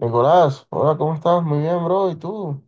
Nicolás, hola, ¿cómo estás? Muy bien, bro. ¿Y tú?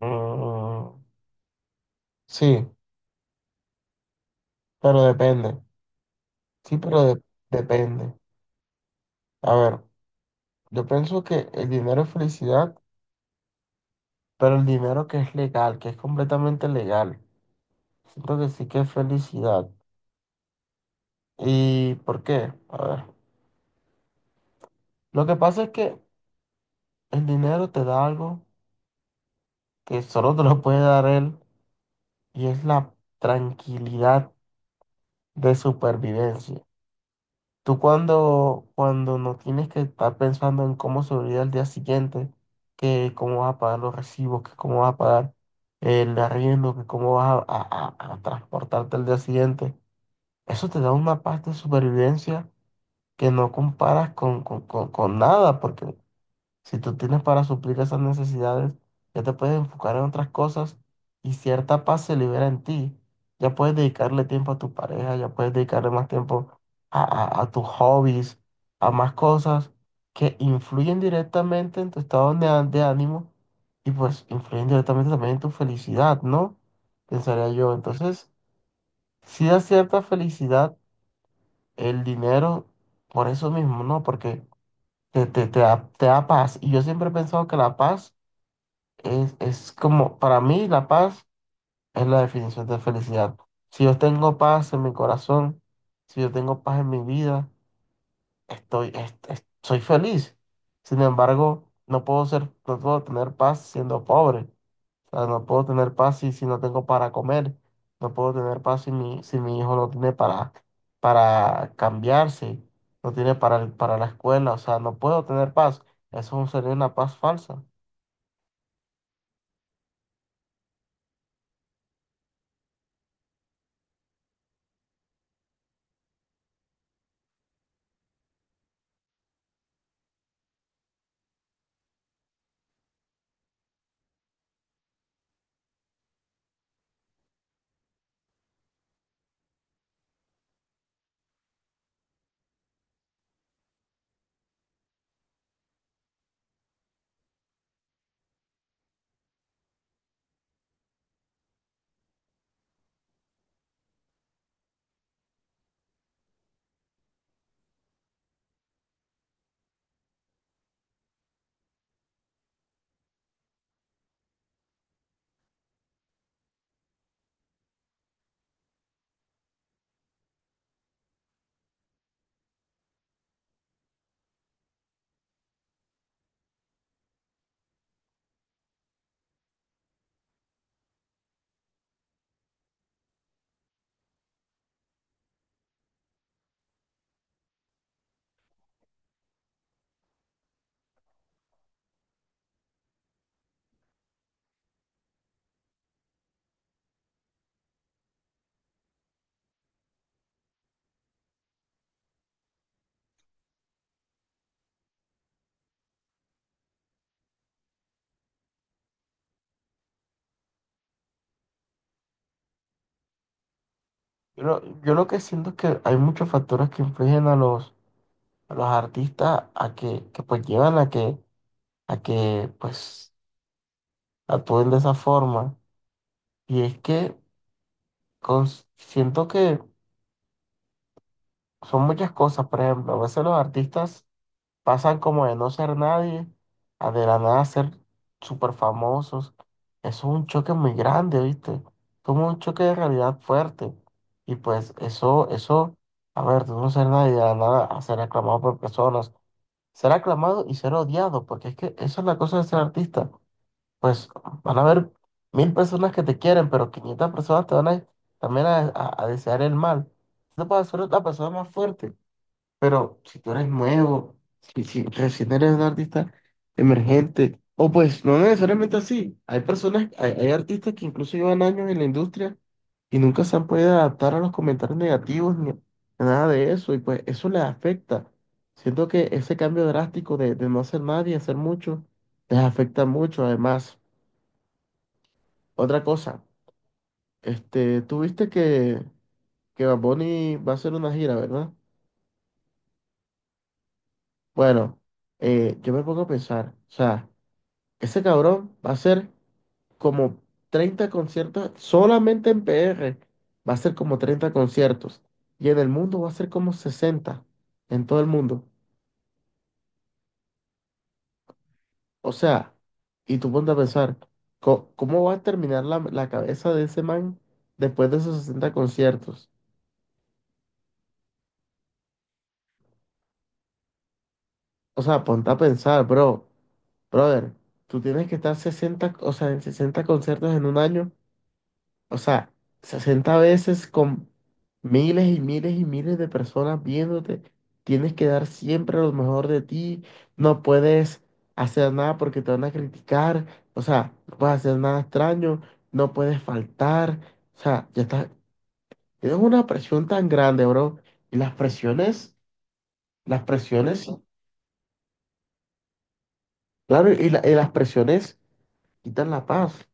Mm, sí, pero depende. Sí, pero depende. A ver, yo pienso que el dinero es felicidad, pero el dinero que es legal, que es completamente legal. Siento que sí que es felicidad. ¿Y por qué? A ver, lo que pasa es que el dinero te da algo que solo te lo puede dar él y es la tranquilidad de supervivencia. Tú cuando no tienes que estar pensando en cómo sobrevivir al día siguiente, que cómo vas a pagar los recibos, que cómo vas a pagar el arriendo, que cómo vas a transportarte al día siguiente, eso te da una paz de supervivencia que no comparas con nada, porque si tú tienes para suplir esas necesidades, ya te puedes enfocar en otras cosas y cierta paz se libera en ti. Ya puedes dedicarle tiempo a tu pareja, ya puedes dedicarle más tiempo a tus hobbies, a más cosas que influyen directamente en tu estado de ánimo y pues influyen directamente también en tu felicidad, ¿no? Pensaría yo. Entonces, si da cierta felicidad el dinero por eso mismo, ¿no? Porque te da paz. Y yo siempre he pensado que la paz es como, para mí, la paz es la definición de felicidad. Si yo tengo paz en mi corazón, si yo tengo paz en mi vida, soy feliz. Sin embargo, no puedo ser, no puedo tener paz siendo pobre. O sea, no puedo tener paz si no tengo para comer. No puedo tener paz si mi hijo no tiene para cambiarse, no tiene para la escuela. O sea, no puedo tener paz. Eso sería una paz falsa. Yo lo que siento es que hay muchos factores que influyen a los artistas a que pues llevan a que pues actúen de esa forma. Y es que siento que son muchas cosas. Por ejemplo, a veces los artistas pasan como de no ser nadie a de la nada ser súper famosos. Eso es un choque muy grande, ¿viste? Como un choque de realidad fuerte. Y pues eso, a ver, de no ser nadie a de la nada a ser aclamado por personas ser aclamado y ser odiado, porque es que esa es la cosa de ser artista. Pues van a haber 1.000 personas que te quieren, pero 500 personas te van a, también a desear el mal. Tú no puedes ser la persona más fuerte, pero si tú eres nuevo, si recién eres un artista emergente, o pues no necesariamente así. Hay personas, hay artistas que incluso llevan años en la industria y nunca se han podido adaptar a los comentarios negativos ni a nada de eso, y pues eso les afecta. Siento que ese cambio drástico de no hacer nada y hacer mucho, les afecta mucho. Además, otra cosa, tú viste que Bad Bunny va a hacer una gira, ¿verdad? Bueno, yo me pongo a pensar, o sea, ese cabrón va a hacer como 30 conciertos solamente en PR. Va a ser como 30 conciertos. Y en el mundo va a ser como 60 en todo el mundo. O sea, y tú ponte a pensar, ¿cómo va a terminar la cabeza de ese man después de esos 60 conciertos? O sea, ponte a pensar, bro. Brother, tú tienes que estar 60, o sea, en 60 conciertos en un año. O sea, 60 veces con miles y miles y miles de personas viéndote, tienes que dar siempre lo mejor de ti, no puedes hacer nada porque te van a criticar, o sea, no puedes hacer nada extraño, no puedes faltar, o sea, ya está, tienes una presión tan grande, bro, y las presiones, claro, y las presiones quitan la paz.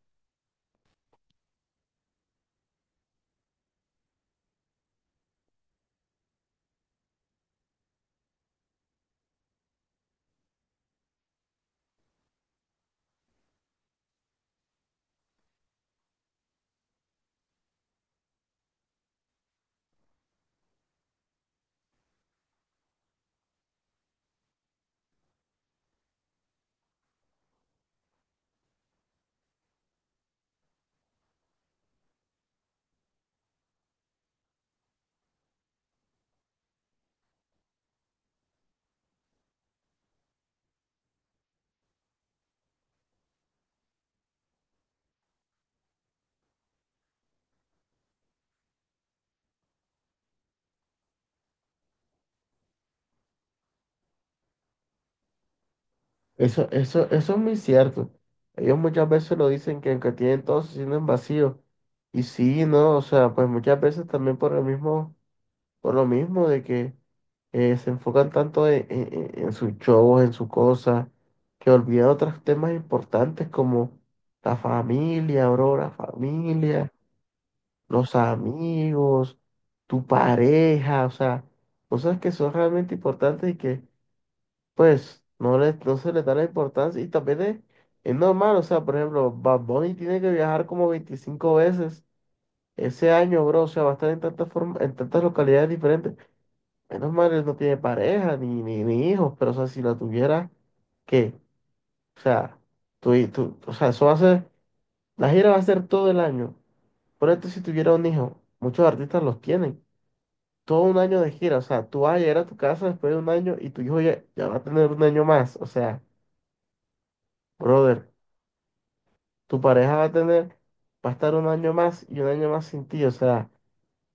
Eso es muy cierto. Ellos muchas veces lo dicen que aunque tienen todo, se sienten vacíos. Y sí, ¿no? O sea, pues muchas veces también por el mismo, por lo mismo de que se enfocan tanto en sus shows, en sus cosas, que olvidan otros temas importantes como la familia, bro, la familia, los amigos, tu pareja, o sea, cosas que son realmente importantes pues no, le, no se le da la importancia y también es normal, o sea, por ejemplo, Bad Bunny tiene que viajar como 25 veces ese año, bro, o sea, va a estar en tantas localidades diferentes. Menos mal, él no tiene pareja ni hijos, pero o sea, si la tuviera, ¿qué? O sea, tú, o sea, eso va a ser, la gira va a ser todo el año. Por esto, si tuviera un hijo, muchos artistas los tienen, todo un año de gira, o sea, tú vas a llegar a tu casa después de un año y tu hijo ya, ya va a tener un año más, o sea, brother. Tu pareja va a tener, va a estar un año más y un año más sin ti. O sea,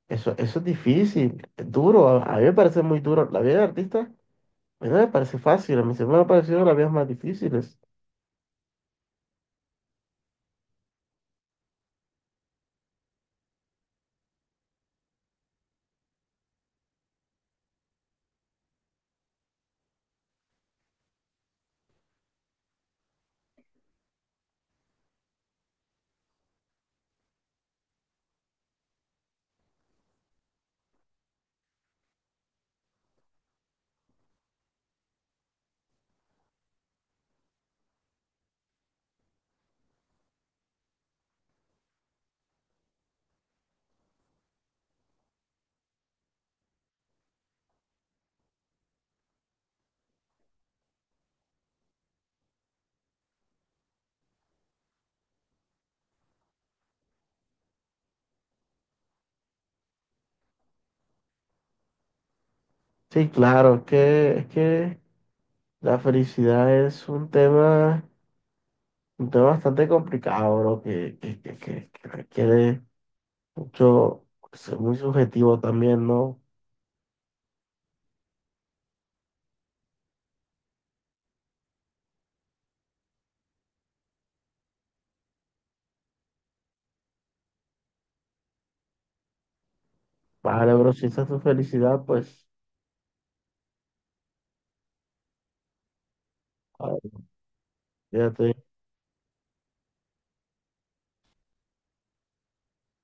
eso es difícil, es duro. A mí me parece muy duro. La vida del artista, a mí no me parece fácil. A mí siempre me ha parecido las vidas más difíciles. Sí, claro, es que la felicidad es un tema bastante complicado, bro, que requiere mucho, pues, ser muy subjetivo también, ¿no? Vale, bro, si esa es tu felicidad, pues, a ver, fíjate.